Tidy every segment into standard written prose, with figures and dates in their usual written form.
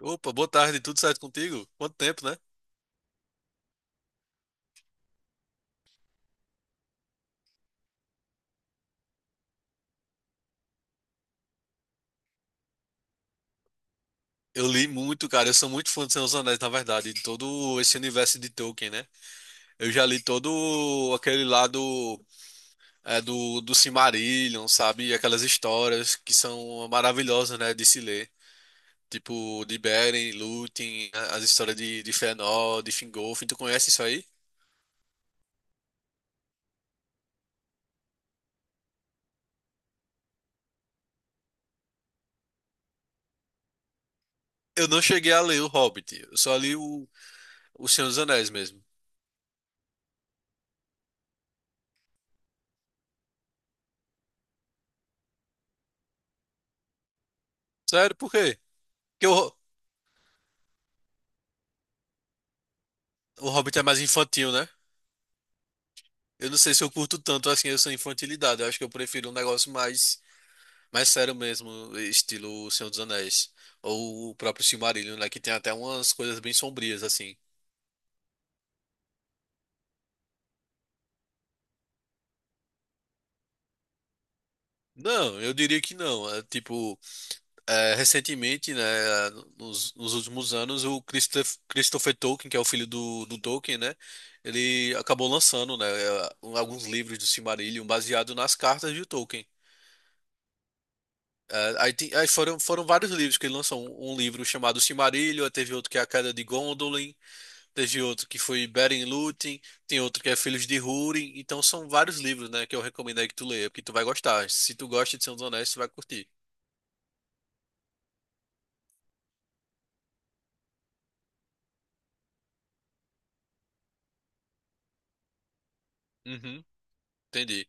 Opa, boa tarde, tudo certo contigo? Quanto tempo, né? Eu li muito, cara. Eu sou muito fã de Senhor dos Anéis, na verdade, de todo esse universo de Tolkien, né? Eu já li todo aquele lado do Silmarillion, sabe? Aquelas histórias que são maravilhosas, né? De se ler. Tipo, de Beren, Lúthien, as histórias de Fëanor, de Fingolfin. Tu conhece isso aí? Eu não cheguei a ler o Hobbit. Eu só li o Senhor dos Anéis mesmo. Sério, por quê? Porque o Hobbit é mais infantil, né? Eu não sei se eu curto tanto assim essa infantilidade. Eu acho que eu prefiro um negócio mais sério mesmo, estilo Senhor dos Anéis. Ou o próprio Silmarillion, né? Que tem até umas coisas bem sombrias, assim. Não, eu diria que não. É, tipo, é, recentemente, né? Nos últimos anos, o Christopher Tolkien, que é o filho do Tolkien, né? Ele acabou lançando, né? Alguns livros do Silmarillion baseado nas cartas de Tolkien. É, aí, tem- aí foram, foram vários livros que ele lançou. Um livro chamado Silmarillion, aí teve outro que é A Queda de Gondolin, teve outro que foi Beren e Lúthien, tem outro que é Filhos de Húrin. Então são vários livros, né, que eu recomendo aí que tu leia, porque tu vai gostar. Se tu gosta de Senhor dos Anéis, tu vai curtir. Uhum, entendi.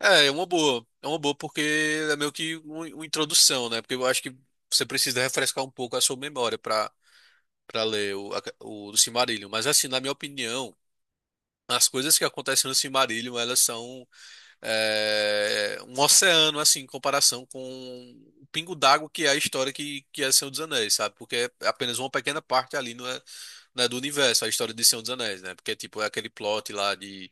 É, é uma boa. É uma boa porque é meio que uma introdução, né? Porque eu acho que você precisa refrescar um pouco a sua memória para para ler o, a- o, do Silmarillion. Mas assim, na minha opinião, as coisas que acontecem no Silmarillion, elas são um oceano, assim, em comparação com o pingo d'água que é a história que é Senhor dos Anéis, sabe? Porque é apenas uma pequena parte ali, não é do universo, é a história de Senhor dos Anéis, né? Porque, tipo, é aquele plot lá de,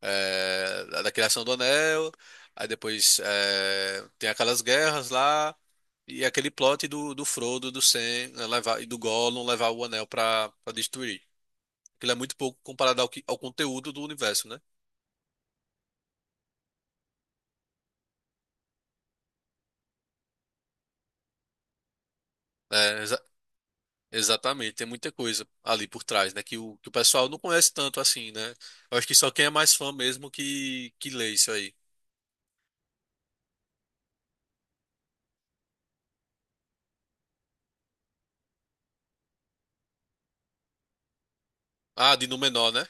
é, da criação do Anel, aí depois é, tem aquelas guerras lá, e é aquele plot do Frodo, do Sam, né, levar, e do Gollum levar o Anel pra destruir. Aquilo é muito pouco comparado ao conteúdo do universo, né? É, exa- Exatamente, tem muita coisa ali por trás, né? Que o pessoal não conhece tanto assim, né? Eu acho que só quem é mais fã mesmo que lê isso aí. Ah, de Númenor, né?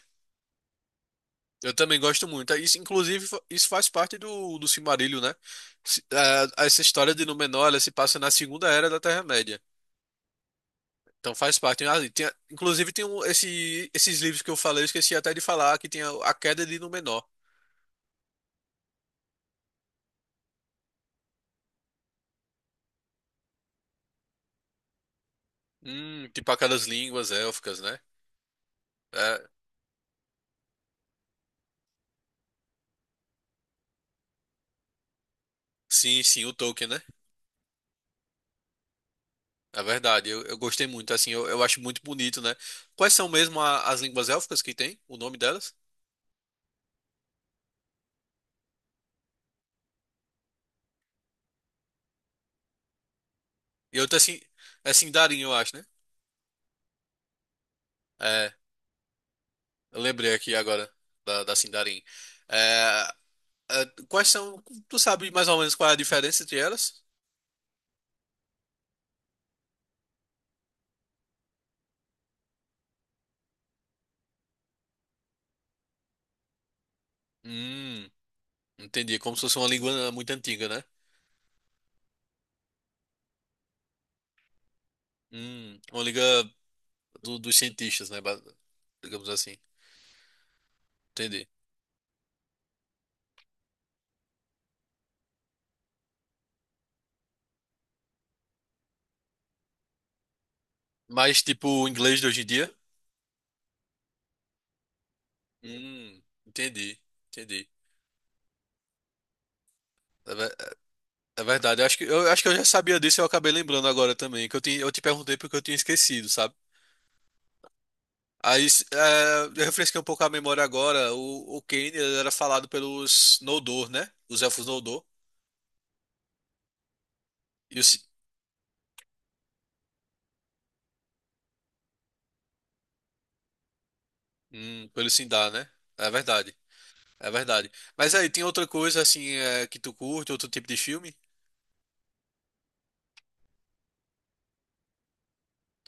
Eu também gosto muito. É, isso, inclusive, isso faz parte do Silmarillion, né? Essa história de Númenor, ela se passa na Segunda Era da Terra-média. Então faz parte. Ah, e tem, inclusive, tem esses livros que eu falei, eu esqueci até de falar, que tem a Queda de Númenor. Tipo aquelas línguas élficas, né? É, sim, sim, o Tolkien, né? É verdade, eu gostei muito, assim, eu acho muito bonito, né? Quais são mesmo as línguas élficas que tem, o nome delas? E outra, assim, é Sindarin, eu acho, né? É, eu lembrei aqui agora da Sindarin. É, é, quais são, tu sabe mais ou menos qual é a diferença entre elas? Hum, entendi, como se fosse uma língua muito antiga, né? Uma língua dos cientistas, né? Digamos assim, entendi. Mas, tipo, o inglês de hoje em dia? Hum, entendi, entendi. É verdade, eu acho acho que eu já sabia disso e eu acabei lembrando agora também, eu te perguntei porque eu tinha esquecido, sabe? Aí eu refresquei um pouco a memória agora, o Kane ele era falado pelos Noldor, né? Os elfos Noldor e os, pelo Sindar, né? É verdade, é verdade. Mas aí, tem outra coisa assim que tu curte, outro tipo de filme?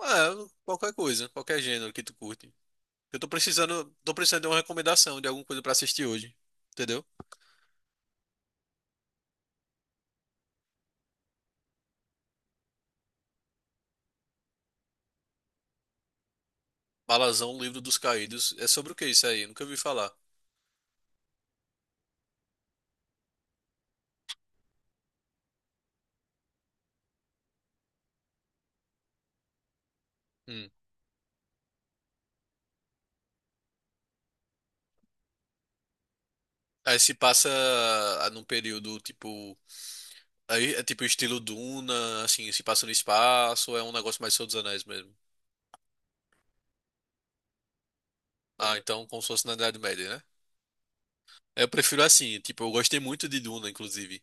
Ah, qualquer coisa, qualquer gênero que tu curte. Eu tô tô precisando de uma recomendação de alguma coisa pra assistir hoje, entendeu? Balazão, Livro dos Caídos, é sobre o que isso aí? Eu nunca ouvi falar. Hum. Aí se passa ah, num período tipo. Aí é tipo estilo Duna, assim, se passa no espaço, ou é um negócio mais Senhor dos Anéis mesmo. Ah, então como se fosse na Idade Média, né? Eu prefiro assim, tipo, eu gostei muito de Duna, inclusive.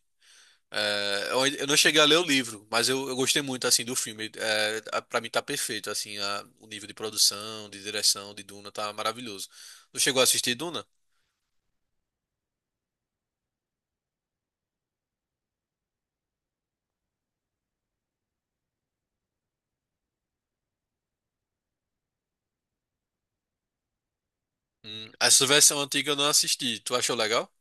É, eu não cheguei a ler o livro, mas eu gostei muito, assim, do filme. É, pra mim tá perfeito, assim, o nível de produção, de direção de Duna tá maravilhoso. Tu chegou a assistir Duna? Essa versão antiga eu não assisti. Tu achou legal?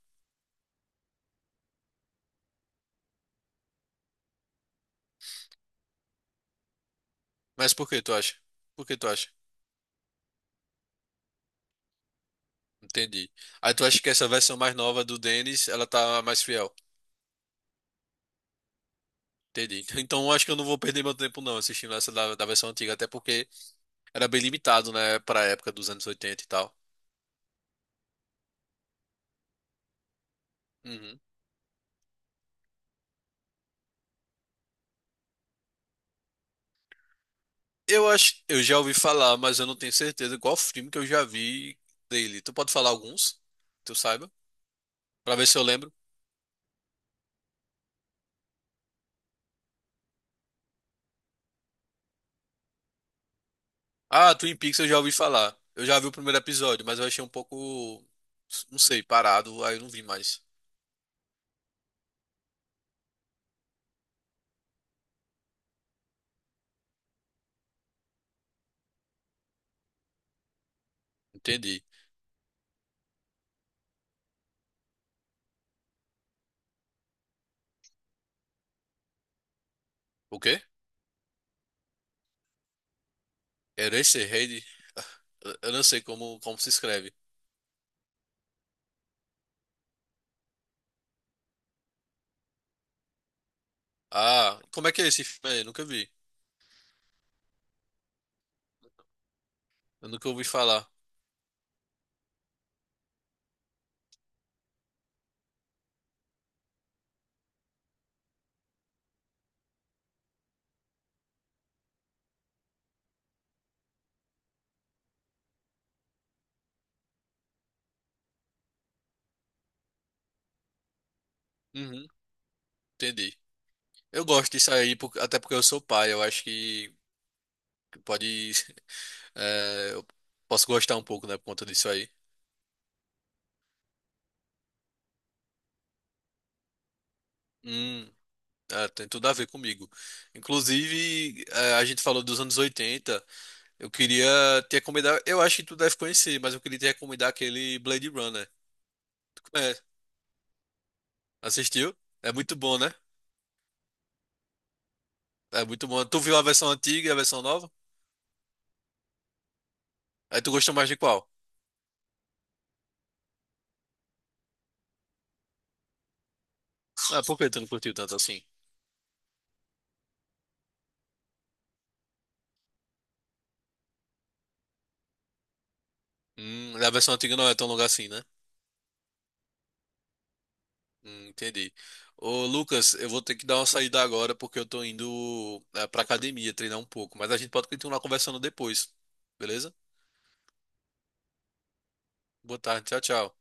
Mas por que tu acha? Por que tu acha? Entendi. Aí tu acha que essa versão mais nova do Dennis, ela tá mais fiel? Entendi. Então eu acho que eu não vou perder meu tempo não assistindo essa da versão antiga, até porque era bem limitado, né, pra época dos anos 80 e tal. Uhum. Eu acho, eu já ouvi falar, mas eu não tenho certeza qual filme que eu já vi dele. Tu pode falar alguns? Que tu saiba? Pra ver se eu lembro. Ah, Twin Peaks eu já ouvi falar. Eu já vi o primeiro episódio, mas eu achei um pouco, não sei, parado, aí eu não vi mais. Entendi. O quê? Eraserhead? Eu não sei como, como se escreve. Ah, como é que é esse filme aí? Nunca vi. Eu nunca ouvi falar. Uhum, entendi. Eu gosto disso aí, até porque eu sou pai. Eu acho que pode. Eu posso gostar um pouco, né, por conta disso aí. Hum, é, tem tudo a ver comigo. Inclusive, a gente falou dos anos 80. Eu queria te recomendar. Eu acho que tu deve conhecer, mas eu queria te recomendar aquele Blade Runner. Tu conhece? Assistiu? É muito bom, né? É muito bom. Tu viu a versão antiga e a versão nova? Aí tu gostou mais de qual? Ah, por que tu não curtiu tanto assim? A versão antiga não é tão longa assim, né? Entendi. Ô, Lucas, eu vou ter que dar uma saída agora porque eu tô indo pra academia treinar um pouco, mas a gente pode continuar conversando depois, beleza? Boa tarde, tchau, tchau.